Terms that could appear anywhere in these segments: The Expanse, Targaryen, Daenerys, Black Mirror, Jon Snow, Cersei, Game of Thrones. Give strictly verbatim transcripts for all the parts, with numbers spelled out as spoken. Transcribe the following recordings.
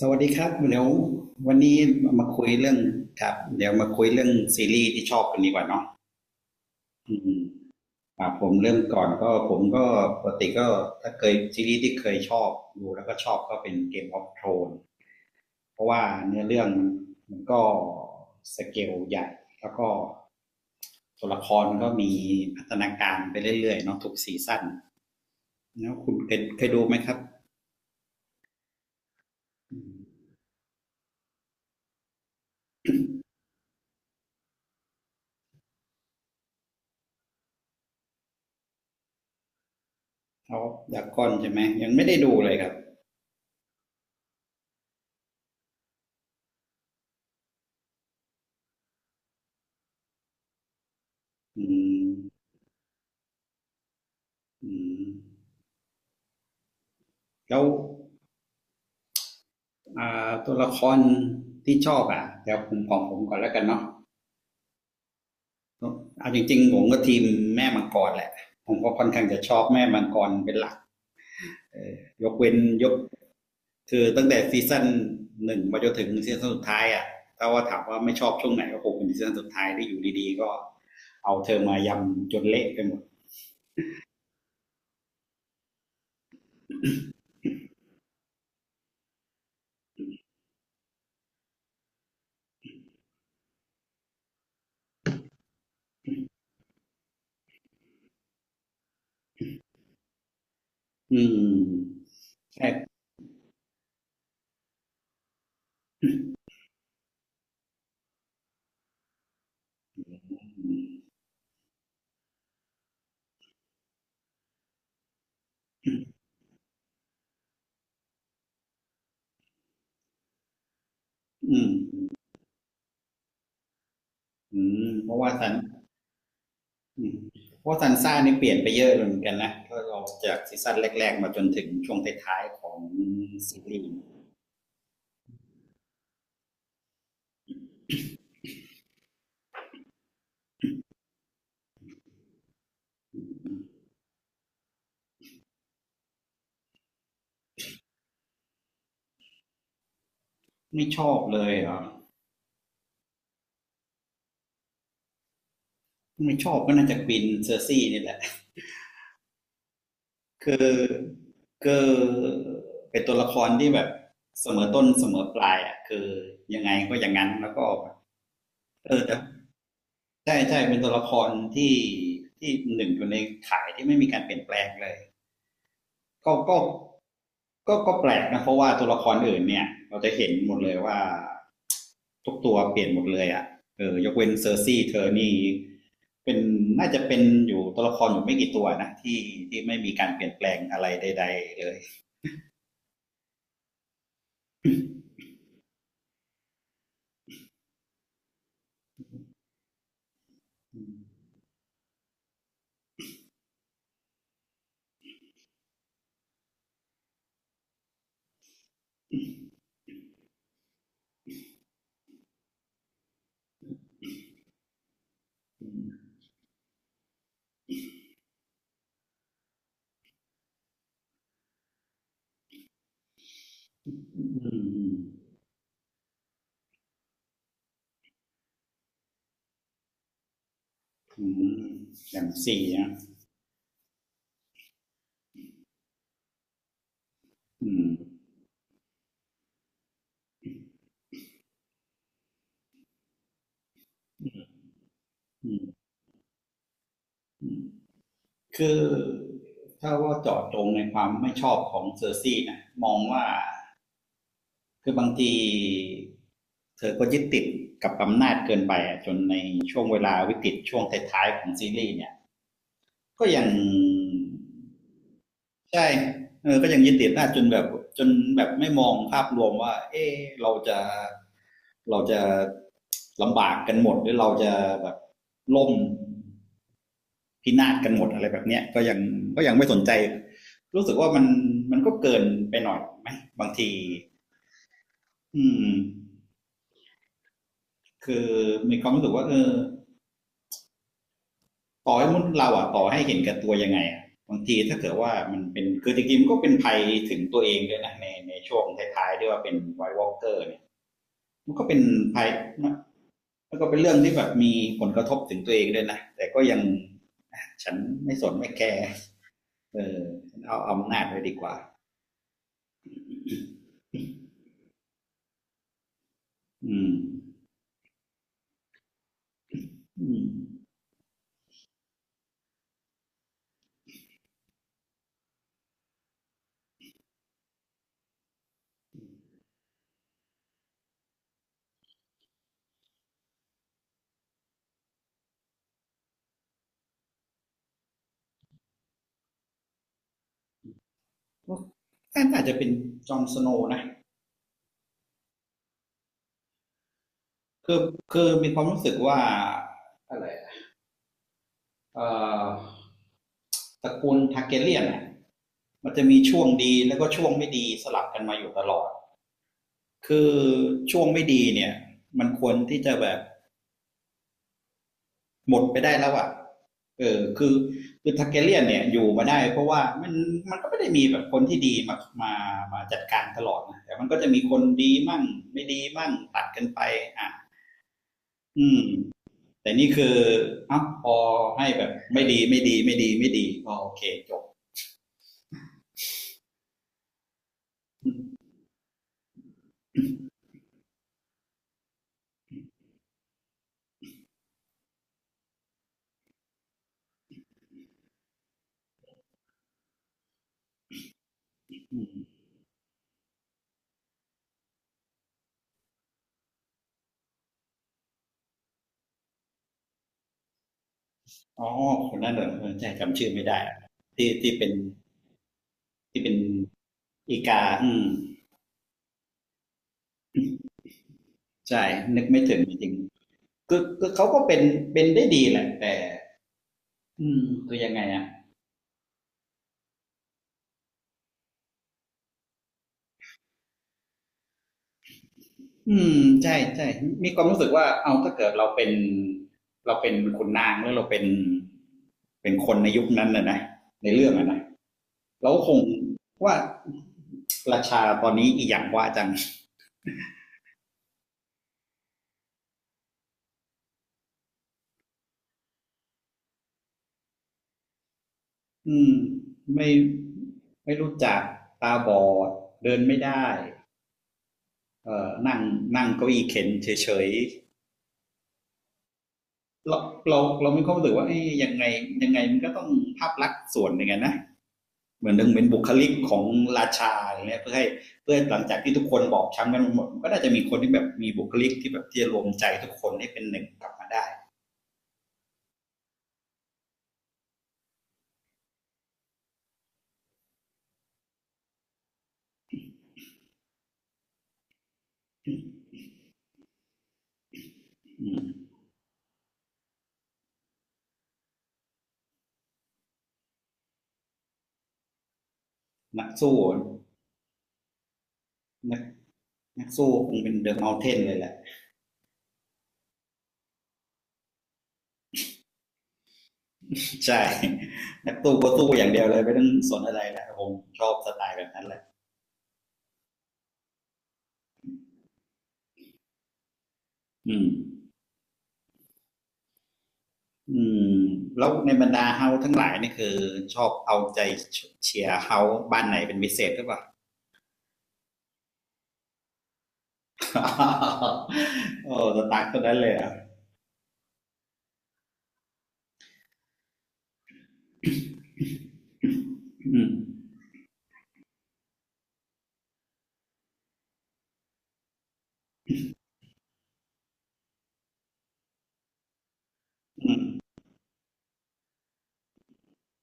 สวัสดีครับเดี๋ยววันนี้มาคุยเรื่องครับเดี๋ยวมาคุยเรื่องซีรีส์ที่ชอบกันดีกว่าเนาะผมเรื่องก่อนก็ผมก็ปกติก็ถ้าเคยซีรีส์ที่เคยชอบดูแล้วก็ชอบก็เป็นเกมออฟโทนเพราะว่าเนื้อเรื่องมันก็สเกลใหญ่แล้วก็ตัวละครก็มีพัฒนาการไปเรื่อยๆเนาะทุกซีซั่นแล้วคุณเคยเคยดูไหมครับอืมากก่อนใช่ไหมยังไม่ได้ดูเลยครับ แล้วาตัวละครที่ชอบอ่ะเดี๋ยวผมของผมก่อนแล้วกันเนาะเอาจริงๆผมก็ทีมแม่มังกรแหละผมก็ค่อนข้างจะชอบแม่มังกรเป็นหลักยกเว้นยกคือตั้งแต่ซีซั่นหนึ่งมาจนถึงซีซั่นสุดท้ายอ่ะถ้าว่าถามว่าไม่ชอบช่วงไหนก็คงเป็นซีซั่นสุดท้ายที่อยู่ดีๆก็เอาเธอมายำจนเละไปหมดอืมใช่อืมอืมเพราะว่าสัน อืมเพราะซันซ่านี่เปลี่ยนไปเยอะเหมือนกันนะถ้าเราจากซีซั่นแรกๆมาจนถึงช่วงท้ายๆของซีรีส์ไม่ชอบเลยเหรอ่ะไม่ชอบก็น่าจะกวินเซอร์ซี่นี่แหละ คือคือเป็นตัวละครที่แบบเสมอต้นเสมอปลายอ่ะคือยังไงก็อย่างนั้นแล้วก็เออแต่ใช่ใช่เป็นตัวละครที่ที่หนึ่งอยู่ในข่ายที่ไม่มีการเปลี่ยนแปลงเลยก็ก็ก็ก็แปลกนะเพราะว่าตัวละครอื่นเนี่ยเราจะเห็นหมดเลยว่า ทุกตัวเปลี่ยนหมดเลยอ่ะเออยกเว้นเซอร์ซี่เธอนี่เป็นน่าจะเป็นอยู่ตัวละครอยู่ไม่กี่ตัวนะที่ที่ไม่มีการเปลี่ยนแปลงอะไรใดๆเลย อืมอืมอืมอย่างสี่นะอืมอืมคือถ้าว่าเจาะจงในความไม่ชอบของเซอร์ซี่นะมองว่าคือบางทีเธอก็ยึดติดกับอำนาจเกินไปอะจนในช่วงเวลาวิกฤตช่วงท้ายๆของซีรีส์เนี่ยก็ยัง ใช่เออก็ยังยึดติดอำนาจจนแบบจนแบบไม่มองภาพรวมว่าเอ๊ะเราจะเราจะลำบากกันหมดหรือเราจะแบบล่มพินาศกันหมดอะไรแบบเนี้ยก็ยังก็ยังไม่สนใจรู้สึกว่ามันมันก็เกินไปหน่อยไหมบางทีอืมคือมีความรู้สึกว่าเออต่อให้มนุษย์เราอ่ะต่อให้เห็นแกับตัวยังไงอะบางทีถ้าเกิดว่ามันเป็นคือจริงๆมันก็เป็นภัยถึงตัวเองด้วยนะในในช่วงท้ายๆที่ว่าเป็นไวท์วอลกเกอร์เนี่ยมันก็เป็นภัย แล้วก็เป็นเรื่องที่แบบมีผลกระทบถึงตัวเองด้วยนะแต่ก็ยังฉันไม่สนไม่แคร์เออฉันเอาเอาอำนาจไว้ดีกว่าอืมอืมก็น่าจจะเป็นจอห์นสโนว์นะคือคือมีความรู้สึกว่าอะไรเอ่อตระกูลทาร์เกเลียนน่ะมันจะมีช่วงดีแล้วก็ช่วงไม่ดีสลับกันมาอยู่ตลอดคือช่วงไม่ดีเนี่ยมันควรที่จะแบบหมดไปได้แล้วอะ เออคือคือทาเกเลียนเนี่ยอยู่มาได้เพราะว่ามันมันก็ไม่ได้มีแบบคนที่ดีมามามาจัดการตลอดนะแต่มันก็จะมีคนดีมั่งไม่ดีมั่งตัดกันไปอ่ะอืมแต่นี่คือเอ้าพอให้แบบไม่ดีไม่ดีไม่ดีไม่ดีอ๋อโอเคจบอืมอืมอ๋อคนนั้นเหรอเออใช่จำชื่อไม่ได้อะที่ที่เป็นที่เป็นอีกาอืมใช่นึกไม่ถึงจริงๆคือคือเขาก็เป็นเป็นได้ดีแหละแต่อืมคือยังไงอะ อืมใช่ใช่มีความรู้สึกว่าเอาถ้าเกิดเราเป็นเราเป็นขุนนางหรือเราเป็นเป็นคนในยุคนั้นนะนะในเรื่องอะนะเราก็คงว่าราชาตอนนี้อีหยังวะจังอืมไม่ไม่รู้จักตาบอดเดินไม่ได้เอ่อนั่งนั่งเก้าอี้เข็นเฉยๆเราเราเราไม่เข้ารู้สึกว่าเอ้ยยังไงยังไงมันก็ต้องภาพลักษณ์ส่วนหนึ่งอะนะ เหมือนหนึ่งเป็นบุคลิกของราชาอะไรเงี้ยเพื่อให้เพื่อหลังจากที่ทุกคนบอบช้ำกันหมดก็น่าจะมีคนที่แบบมีบุคลิกที่แบบที่จะรวมใจทุกคนให้เป็นหนึ่งกลับมาได้นักสู้นักนักสู้คงเป็นเดอะเมลเทนเลยแหละใช่นักสู้ก็สู้อย่างเดียวเลยไม่ต้องสนอะไรแหละผมชอบสไตล์แบบนั้นแหละอืมอืมแล้วในบรรดาเฮาทั้งหลายนี่คือชอบเอาใจเชียร์เฮาบ้านไหนเป็นพิเศษหรือเปล่า โอ้สตาร์ทคนนั้นเลยอ่ะ อืม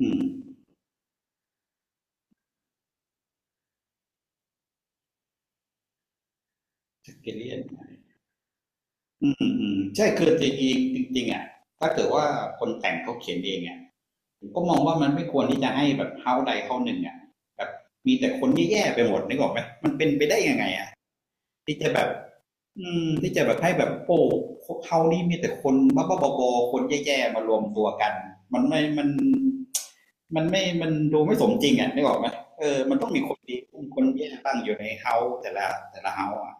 อืมสเกลเลียนอืมอืมอืมใช่คือจริงๆจริงๆอ่ะถ้าเกิดว่าคนแต่งเขาเขียนเองอ่ะผมก็มองว่ามันไม่ควรที่จะให้แบบเฮาใดเฮาหนึ่งอ่ะแบบมีแต่คนแย่ๆไปหมดนึกออกไหมมันเป็นไปได้ยังไงอ่ะที่จะแบบอืมที่จะแบบให้แบบโอ้เฮานี่มีแต่คนบ้าๆบอๆคนแย่ๆมารวมตัวกันมันไม่มันมันไม่มันดูไม่สมจริงอ่ะนึกออกไหมเออมันต้องมีคนดีคนแย่บ้างอยู่ในเฮาแต่ละแต่ละเฮาอ่ะ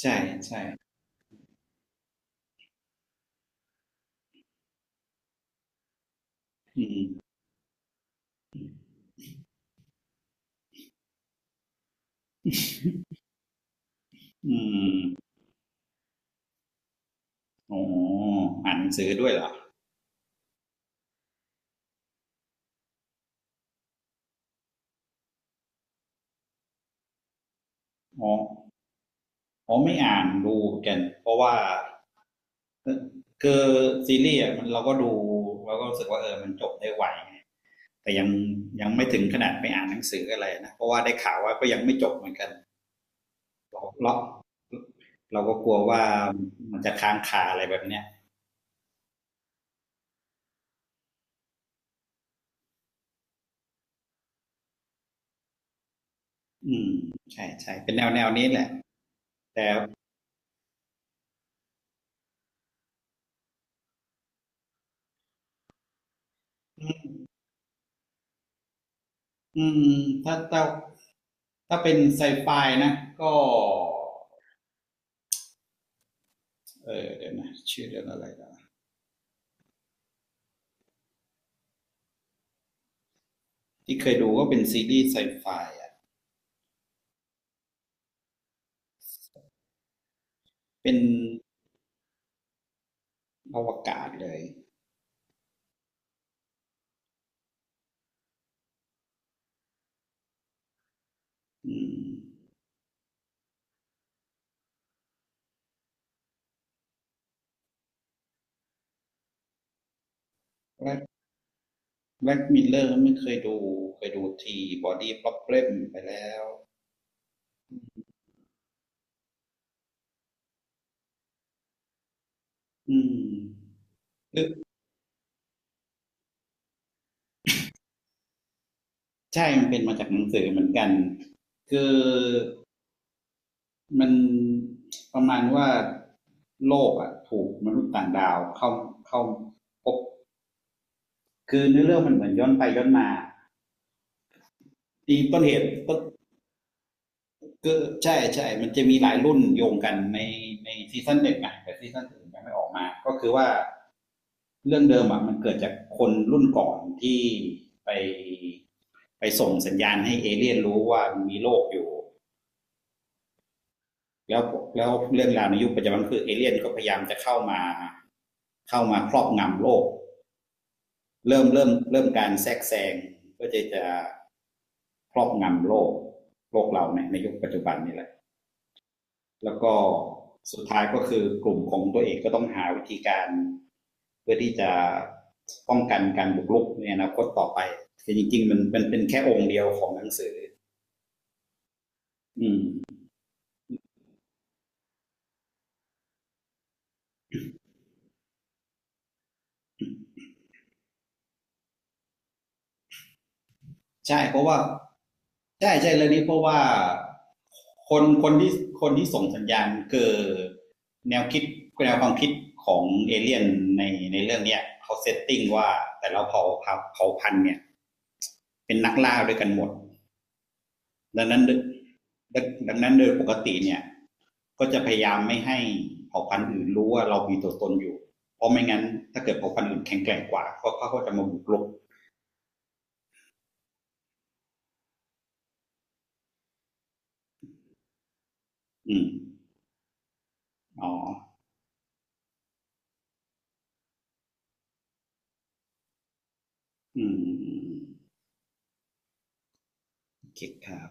ใช่ใช่อืมอืม อ๋ออ่านหนังสือด้วยเหรออ๋ออ๋อไม่อ่านดูกันเพราะว่าคือซีรีส์อะมันเราก็ดูเราก็รู้สึกว่าเออมันจบได้ไวไงแต่ยังยังไม่ถึงขนาดไปอ่านหนังสืออะไรนะเพราะว่าได้ข่าวว่าก็ยังไม่จบเหมือนกันเราเราเราก็กลัวว่ามันจะค้างคาอะไรแบบเนี้ยอืมใช่ใช่เป็นแนวแนวนี้แหละแต่อืมถ้าถ้าถ้าเป็นไซไฟนะก็เออเดี๋ยวนะชื่อเรื่องอะไรนะ ที่เคยดูก็เป็นซีรีส์ไซไฟอ่ะเป็นอวกาศเลยอืมแบล็กแบล็กมิลเลอร์ไม่เคยดูเคยดูทีบอดี้ป o อบเล m ไปแล้วอืมหรือใช่มันเป็นมาจากหนังสือเหมือนกัน คือมันประมาณว่าโลกอ่ะถูกมนุษย์ต่างดาวเข้าเข้าพบคือเนื้อเรื่องมันเหมือนย้อนไปย้อนมาที่ต้นเหตุต้น ก็ใช่ใช่ มันจะมีหลายรุ่นโยงกันในในซีซั่นเด็ดไงแต่ซีซั่นอื่นยังไม่ออกมาก็คือว่าเรื่องเดิมอ่ะมันเกิดจากคนรุ่นก่อนที่ไปไปส่งสัญญาณให้เอเลี่ยนรู้ว่ามีโลกอยู่แล้วแล้วเรื่องราวในยุคปัจจุบันคือเอเลี่ยนก็พยายามจะเข้ามาเข้ามาครอบงำโลกเริ่มเริ่มเริ่มการแทรกแซงก็จะจะครอบงำโลกโลกเราในในยุคปัจจุบันนี่แหละ แล้วก็สุดท้ายก็คือกลุ่มของตัวเองก็ต้องหาวิธีการเพื่อที่จะป้องกันการบุกรุกในอนาคตต่อไปคือจริงๆมันมันเป็นแค่องค์เดียวของหนังสืออืมใช่เพราะว่าใช่ใช่เรื่องนี้เพราะว่าคนคนที่คนที่ส่งสัญญาณคือแนวคิดแนวความคิดของเอเลี่ยนในในเรื่องเนี้ยเขาเซตติ้งว่าแต่ละเผ่าเผ่าพันธุ์เนี่ยเป็นนักล่าด้วยกันหมด ดังนั้นดดังนั้นโดยปกติเนี่ยก็จะพยายามไม่ให้เผ่าพันธุ์อื่นรู้ว่าเรามีตัวตนอยู่เพราะไม่งั้นถ้าเกิดเผ่าพันธุ์อื่นแข็งแกร่งกว่าเขาเขาก็จะมาบุกรุกอืมอ๋ออืมโอเคครับ